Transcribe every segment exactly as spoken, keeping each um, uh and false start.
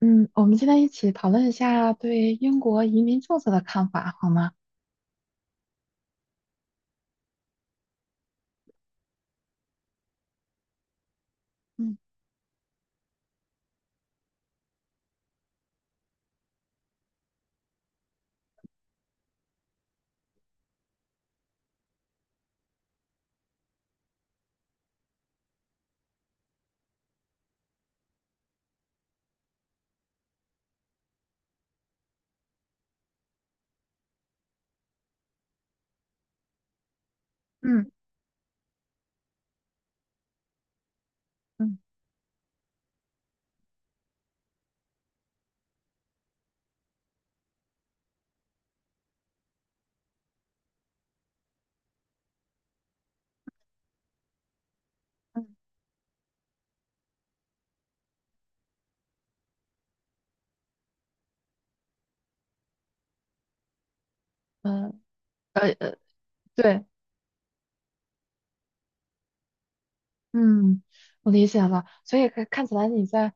嗯，我们今天一起讨论一下对英国移民政策的看法，好吗？嗯嗯嗯嗯，嗯，呃呃，对，嗯，我理解了。所以看看起来你在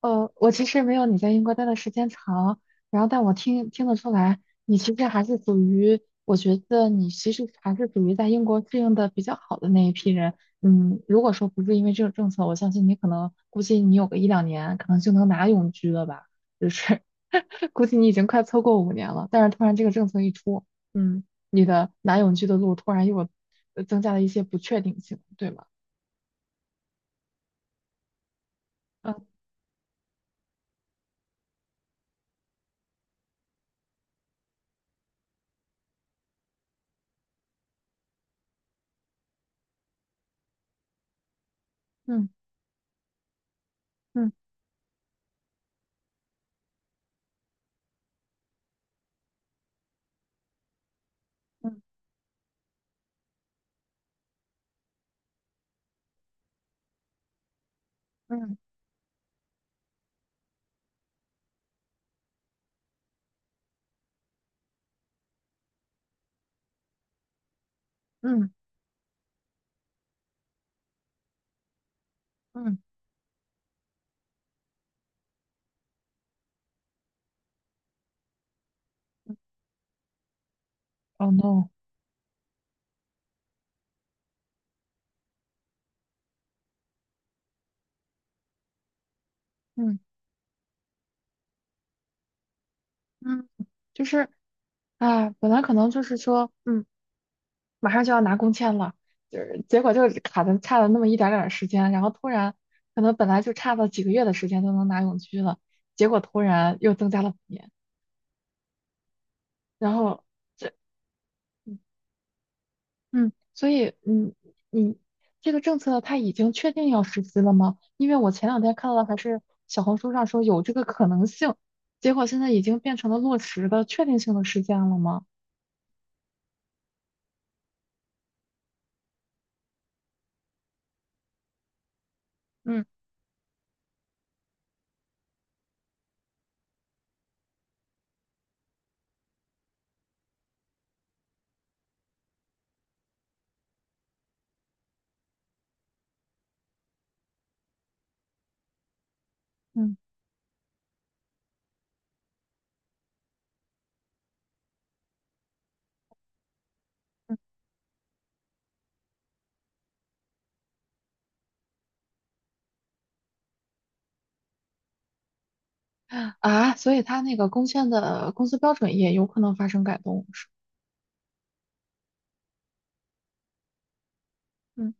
呃，我其实没有你在英国待的时间长，然后但我听听得出来，你其实还是属于，我觉得你其实还是属于在英国适应的比较好的那一批人。嗯，如果说不是因为这个政策，我相信你可能估计你有个一两年，可能就能拿永居了吧？就是 估计你已经快凑够五年了，但是突然这个政策一出，嗯，你的拿永居的路突然又呃增加了一些不确定性，对吗？嗯嗯嗯嗯嗯嗯嗯。哦 no！嗯嗯，就是啊，本来可能就是说，嗯，马上就要拿工签了，就是结果就卡的差了那么一点儿点儿时间，然后突然可能本来就差了几个月的时间就能拿永居了，结果突然又增加了五年，然后这，嗯，嗯，所以嗯，嗯，这个政策它已经确定要实施了吗？因为我前两天看到还是小红书上说有这个可能性，结果现在已经变成了落实的确定性的事件了吗？嗯嗯嗯啊，所以它那个工签的工资标准也有可能发生改动，是吧。嗯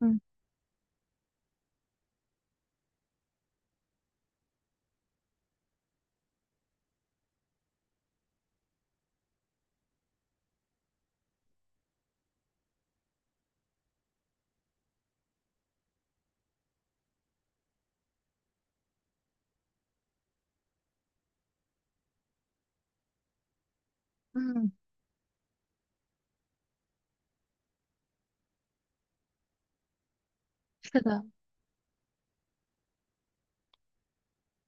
嗯嗯，是的。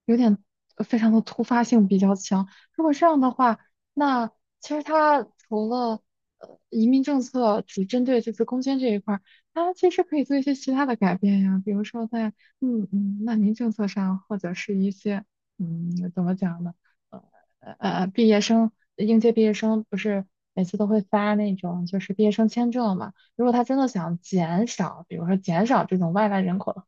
有点呃非常的突发性比较强。如果这样的话，那其实他除了呃移民政策只针对这次攻坚这一块儿，它其实可以做一些其他的改变呀，比如说在嗯嗯难民政策上，或者是一些嗯怎么讲呢？呃呃呃呃毕业生应届毕业生不是每次都会发那种就是毕业生签证嘛？如果他真的想减少，比如说减少这种外来人口的话，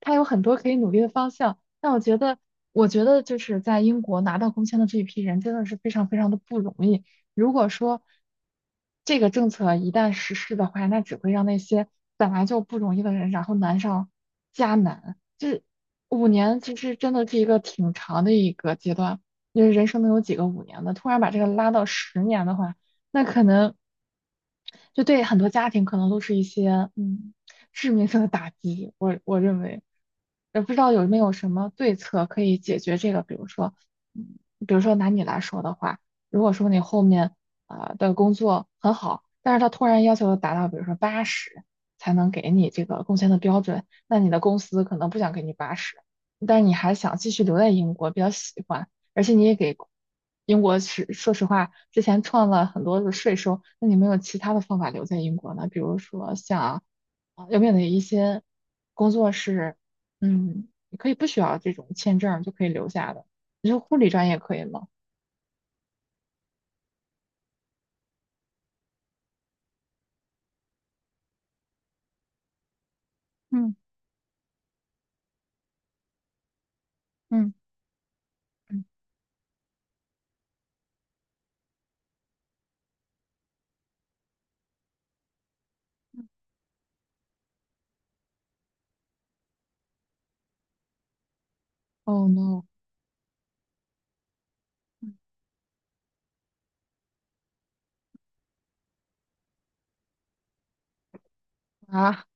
他有很多可以努力的方向。那我觉得，我觉得就是在英国拿到工签的这一批人真的是非常非常的不容易。如果说这个政策一旦实施的话，那只会让那些本来就不容易的人，然后难上加难。这五年其实真的是一个挺长的一个阶段，因为人生能有几个五年的？突然把这个拉到十年的话，那可能就对很多家庭可能都是一些嗯。致命性的打击。我我认为，也不知道有没有什么对策可以解决这个，比如说，嗯，比如说拿你来说的话，如果说你后面啊、呃的工作很好，但是他突然要求达到，比如说八十才能给你这个工签的标准，那你的公司可能不想给你八十，但是你还想继续留在英国，比较喜欢，而且你也给。英国是说实话，之前创了很多的税收，那你没有其他的方法留在英国呢？比如说像啊，有没有哪一些工作是，嗯，你可以不需要这种签证就可以留下的？你说护理专业可以吗？嗯嗯嗯哦 no 嗯啊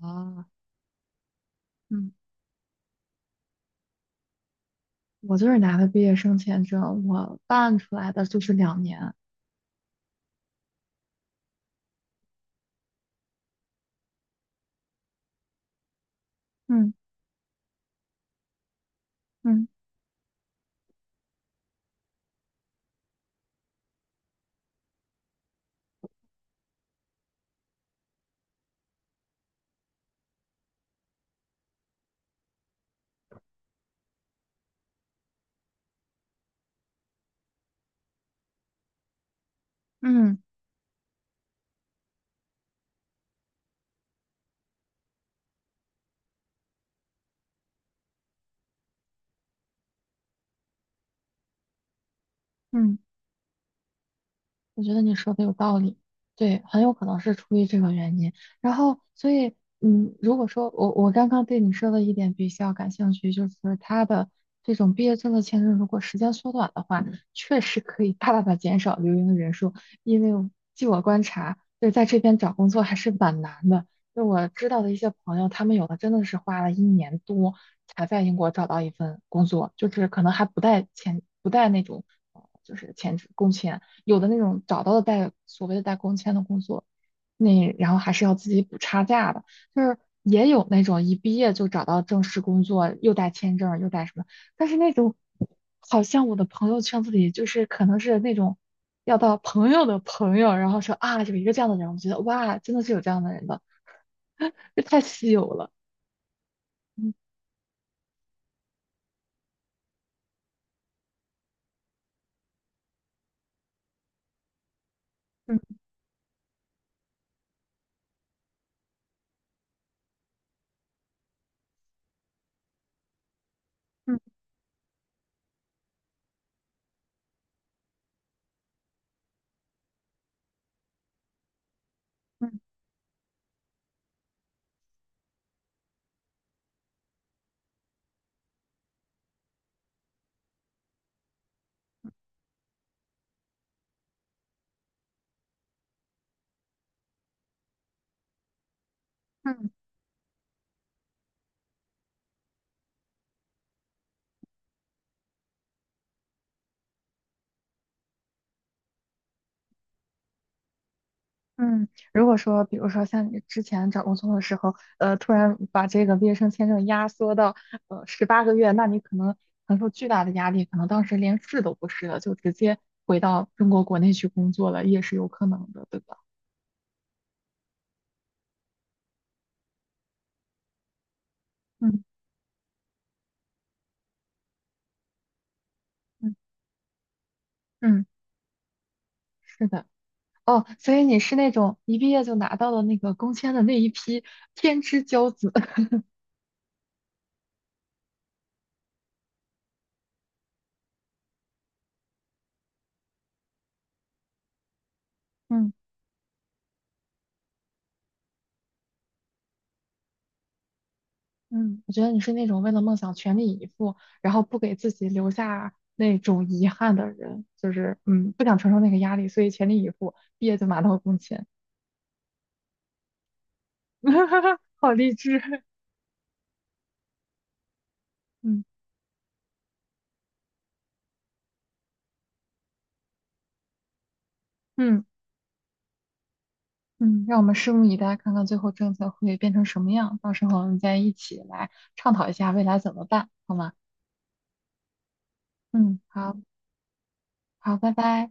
啊！嗯，我就是拿的毕业生签证，我办出来的就是两年。嗯嗯嗯嗯，我觉得你说的有道理，对，很有可能是出于这个原因。然后，所以，嗯，如果说我我刚刚对你说的一点比较感兴趣，就是他的这种毕业证的签证，如果时间缩短的话，确实可以大大的减少留英的人数。因为据我观察，就是在这边找工作还是蛮难的。就我知道的一些朋友，他们有的真的是花了一年多才在英国找到一份工作，就是可能还不带签，不带那种，呃就是签证工签。有的那种找到的带所谓的带工签的工作，那然后还是要自己补差价的，就是也有那种一毕业就找到正式工作，又带签证又带什么，但是那种好像我的朋友圈子里就是可能是那种要到朋友的朋友，然后说啊有一个这样的人，人我觉得哇，真的的的，是有有这这样的人的。这太稀有了。嗯嗯嗯嗯嗯。嗯，如果说，比如说像你之前找工作的时候，呃，突然把这个毕业生签证压缩到呃十八个月，那你可能承受巨大的压力，可能当时连试都不试了，就直接回到中国国内去工作了，也是有可能的，对吧？嗯嗯嗯，是的。哦，所以你是那种一毕业就拿到了那个工签的那一批天之骄子。嗯。嗯，我觉得你是那种为了梦想全力以赴，然后不给自己留下那种遗憾的人，就是嗯，不想承受那个压力，所以全力以赴，毕业就马到功成。好励志。嗯嗯嗯，让我们拭目以待，看看最后政策会变成什么样。到时候我们再一起来倡讨一下未来怎么办，好吗？嗯，好好，拜拜。